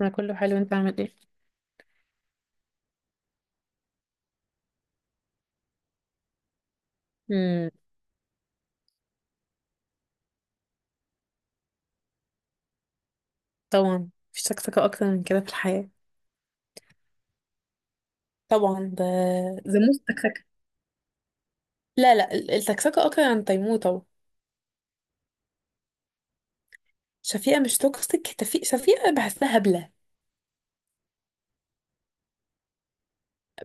انا كله حلو، انت عامل ايه؟ امم. طبعا مفيش سكسكه اكتر من كده في الحياه. طبعا ده زموس سكسكه. لا لا، السكسكه اكتر عن تيموتة. شفيقه مش توكسيك. شفيقه بحسها هبله.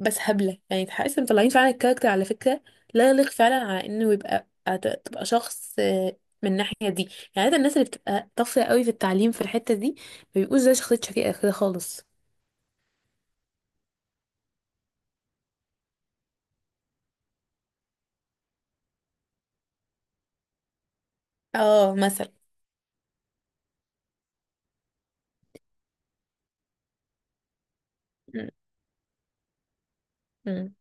بس هبله، يعني تحس إن مطلعين فعلا الكاركتر على فكره، لا يليق فعلا على انه يبقى تبقى شخص، من الناحيه دي. يعني عادة الناس اللي بتبقى طافره قوي في التعليم في الحته دي ما بيبقوش زي شخصيه شفيقه كده خالص. اه، مثلا. أمم.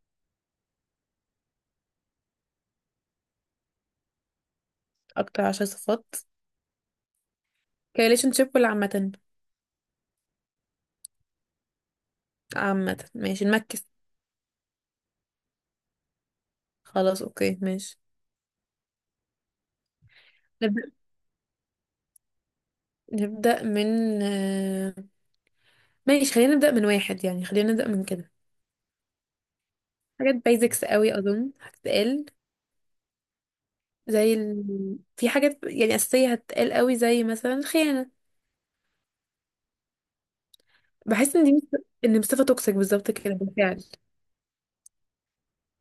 اكتر عشر صفات. كريليشن شيب ولا عامه؟ عامة ماشي نمكس. خلاص اوكي ماشي. نبدأ. نبدأ من ماشي خلينا نبدأ من واحد، يعني خلينا نبدأ من كده. حاجات بايزكس قوي أظن هتتقال. زي ال... في حاجات يعني أساسية هتتقال قوي زي مثلا الخيانة. بحس ان دي مس- ان صفة توكسيك بالظبط كده بالفعل.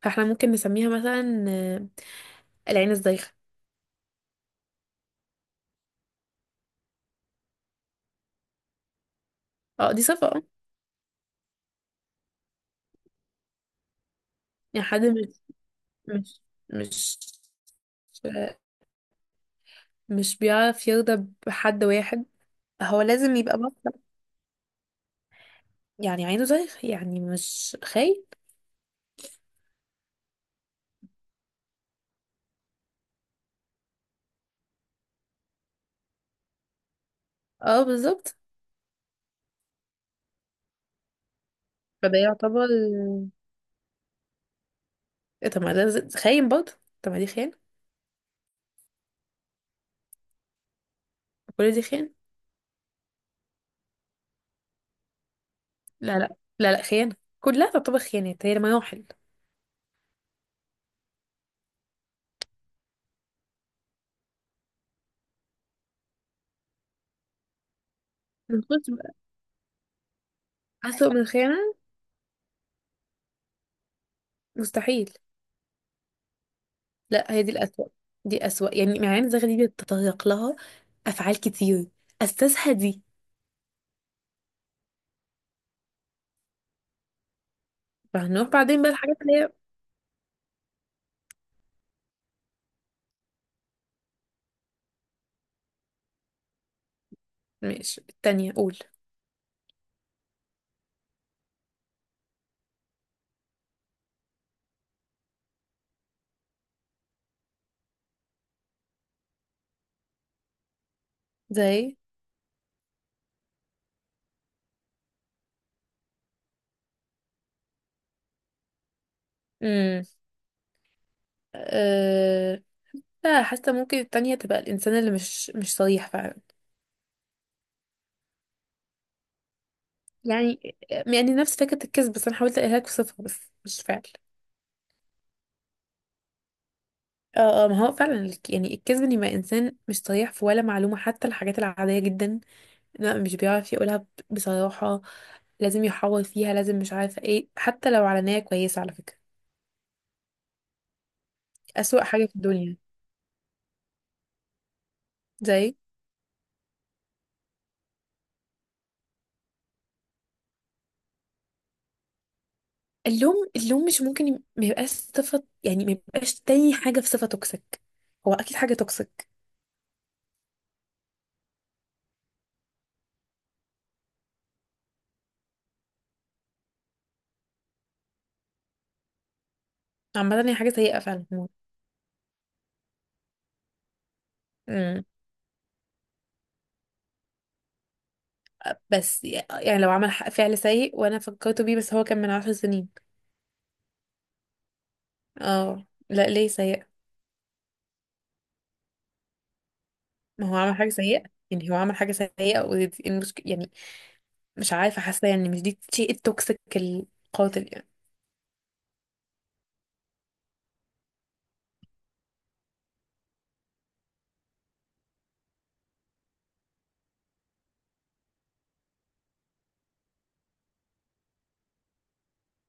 فاحنا ممكن نسميها مثلا العين الزايغة. اه دي صفة اه. يعني حد مش مش مش بيعرف يرضى بحد واحد. هو لازم يبقى بطل. يعني عينه زي، يعني مش خاين. اه بالظبط. فده يعتبر إيه. طب ما ده خاين برضه. طب ما دي خيانة. كل دي خيانة. لا لا لا لا، خيانة. كلها تعتبر خيانات، هي المراحل. نخش بقى. أسوأ من الخيانة؟ مستحيل. لا هي دي الأسوأ. دي أسوأ، يعني مع عين زغ دي بيتطرق لها أفعال كتير أساسها دي. فهنروح بعدين بقى الحاجات اللي هي. ماشي التانية قول. زي. امم. أه... لا حاسة ممكن التانية تبقى الإنسان اللي مش صريح فعلا. يعني، نفس فكرة الكذب بس أنا حاولت أقولها لك بصفة بس مش فعل. اه اه، ما هو فعلا يعني الكذب، ان يبقى انسان مش صريح في ولا معلومه، حتى الحاجات العاديه جدا لا مش بيعرف يقولها بصراحه. لازم يحور فيها، لازم مش عارفه ايه، حتى لو علانيه كويسه على فكره. اسوأ حاجه في الدنيا. زي اللوم. اللوم مش ممكن ما يبقاش صفه، يعني ما يبقاش تاني حاجه في صفه توكسيك. هو اكيد حاجه توكسيك. عامه هي حاجه سيئه فعلا. بس يعني لو عمل فعل سيء وانا فكرت بيه، بس هو كان من عشر سنين. اه لا ليه سيء. ما هو عمل حاجة سيئة. يعني هو عمل حاجة سيئة ودي المشكلة يعني. مش عارفة، حاسة يعني مش دي شيء التوكسيك القاتل يعني.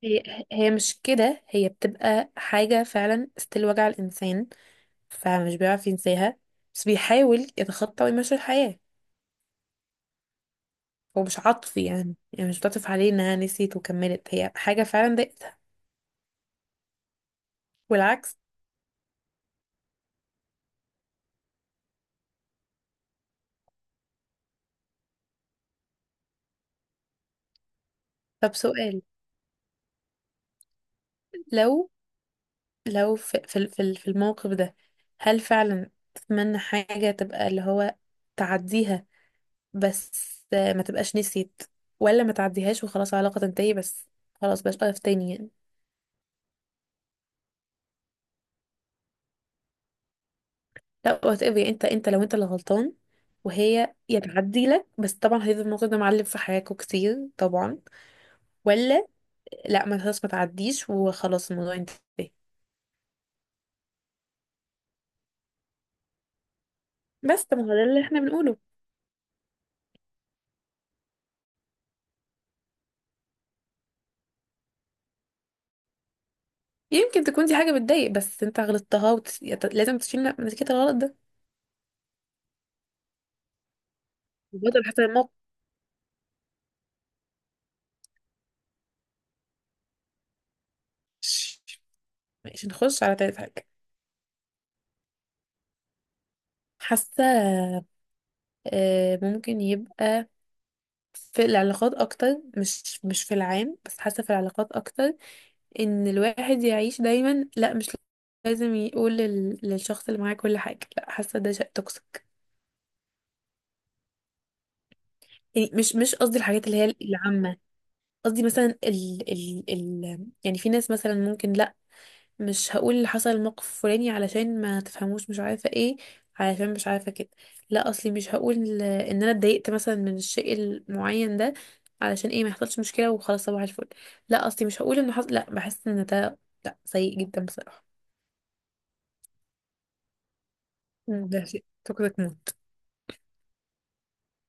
هي هي مش كده، هي بتبقى حاجة فعلا ستيل وجع الإنسان، فمش بيعرف ينساها، بس بيحاول يتخطى ويمشي الحياة. هو مش عاطفي، يعني مش بتعطف عليه إنها نسيت وكملت، هي حاجة فعلا ضايقتها. والعكس. طب سؤال. لو لو في الموقف ده، هل فعلا تتمنى حاجة تبقى اللي هو تعديها بس، ما تبقاش نسيت، ولا ما تعديهاش وخلاص العلاقة تنتهي بس؟ خلاص بلاش واقف تاني يعني. لا وات ايفر. انت لو انت اللي غلطان وهي يا تعدي لك، بس طبعا هيفضل الموضوع ده معلم في حياتكوا كتير طبعا. ولا لا، ما خلاص ما تعديش وخلاص الموضوع انتهى. بس طب ما هو ده اللي احنا بنقوله. يمكن تكون دي حاجة بتضايق بس انت غلطتها يعني لازم تشيل نتيجة الغلط ده. بدل حسب الموقف. ماشي نخش على تالت حاجة. حاسة، ممكن يبقى في العلاقات أكتر، مش في العام، بس حاسة في العلاقات أكتر. إن الواحد يعيش دايما لأ، مش لازم يقول للشخص اللي معاه كل حاجة، لأ حاسة ده شيء توكسيك. يعني مش قصدي الحاجات اللي هي العامة. قصدي مثلا ال يعني في ناس مثلا ممكن مش هقول اللي حصل الموقف الفلاني علشان ما تفهموش مش عارفه ايه، علشان مش عارفه كده. لا اصلي مش هقول ان انا اتضايقت مثلا من الشيء المعين ده علشان ايه ما يحصلش مشكله وخلاص صباح الفل. لا اصلي مش هقول ان حصل، لا بحس ان ده، لا سيء جدا بصراحه. مم، ده شيء توكسيك موت.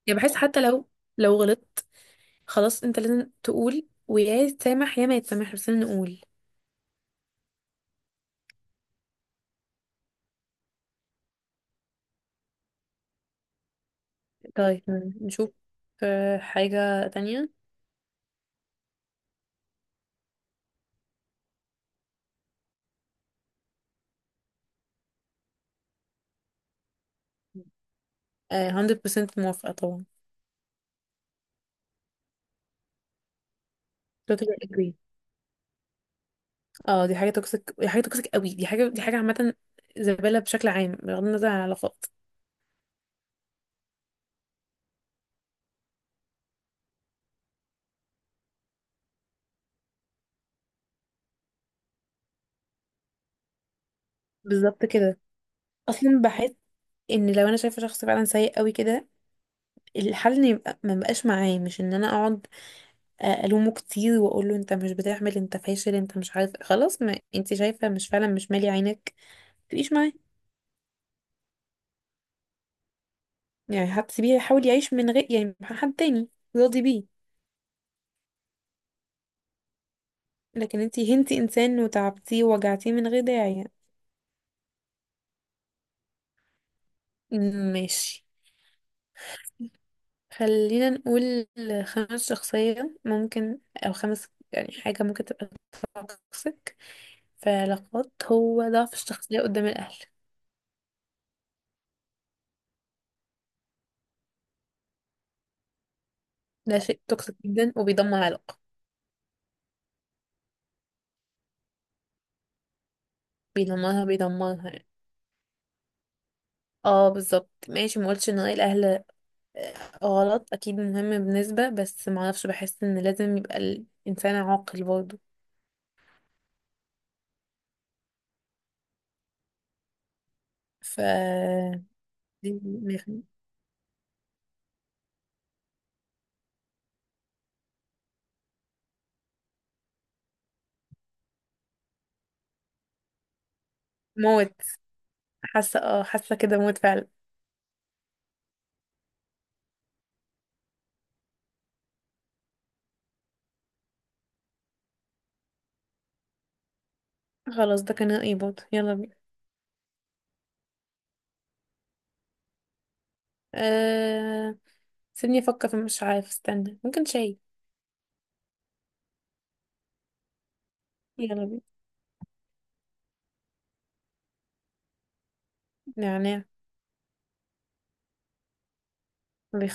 يعني بحس حتى لو، لو غلطت، خلاص انت لازم تقول، ويا يتسامح يا ما يتسامح، بس لازم نقول. طيب مم، نشوف، حاجه تانية. 100% موافقه طبعا. totally agree. اه دي حاجة توكسيك، دي حاجة توكسيك قوي، دي حاجة، دي حاجة عامة. زبالة بشكل عام بغض النظر عن العلاقات. بالظبط كده. اصلا بحس ان لو انا شايفة شخص فعلا سيء قوي كده، الحل ان يبقى ما بقاش معاه، مش ان انا اقعد الومه كتير واقول له انت مش بتعمل، انت فاشل، انت مش عارف، خلاص ما انت شايفة مش، فعلا مش مالي عينك تعيش معاه. يعني حد سيبيه يحاول يعيش من غير، يعني مع حد تاني راضي بيه. لكن انت هنتي انسان، وتعبتيه ووجعتيه من غير داعي يعني. ماشي. خلينا نقول خمس شخصية ممكن، أو خمس يعني حاجة ممكن تبقى توكسيك في علاقات، هو ضعف الشخصية قدام الأهل. ده شيء توكسيك جدا وبيدمر علاقة. بيدمرها يعني. اه بالظبط ماشي. مقولش ان رأي الأهل غلط، أكيد مهم بنسبة، بس معرفش بحس ان لازم يبقى الإنسان عاقل برضه. ف موت. حاسة اه، حاسة كده موت فعلا. خلاص ده كان رأيي برضه، يلا بينا. أه... سيبني افكر في، مش عارف، استنى، ممكن شاي. يلا بينا. نعناع.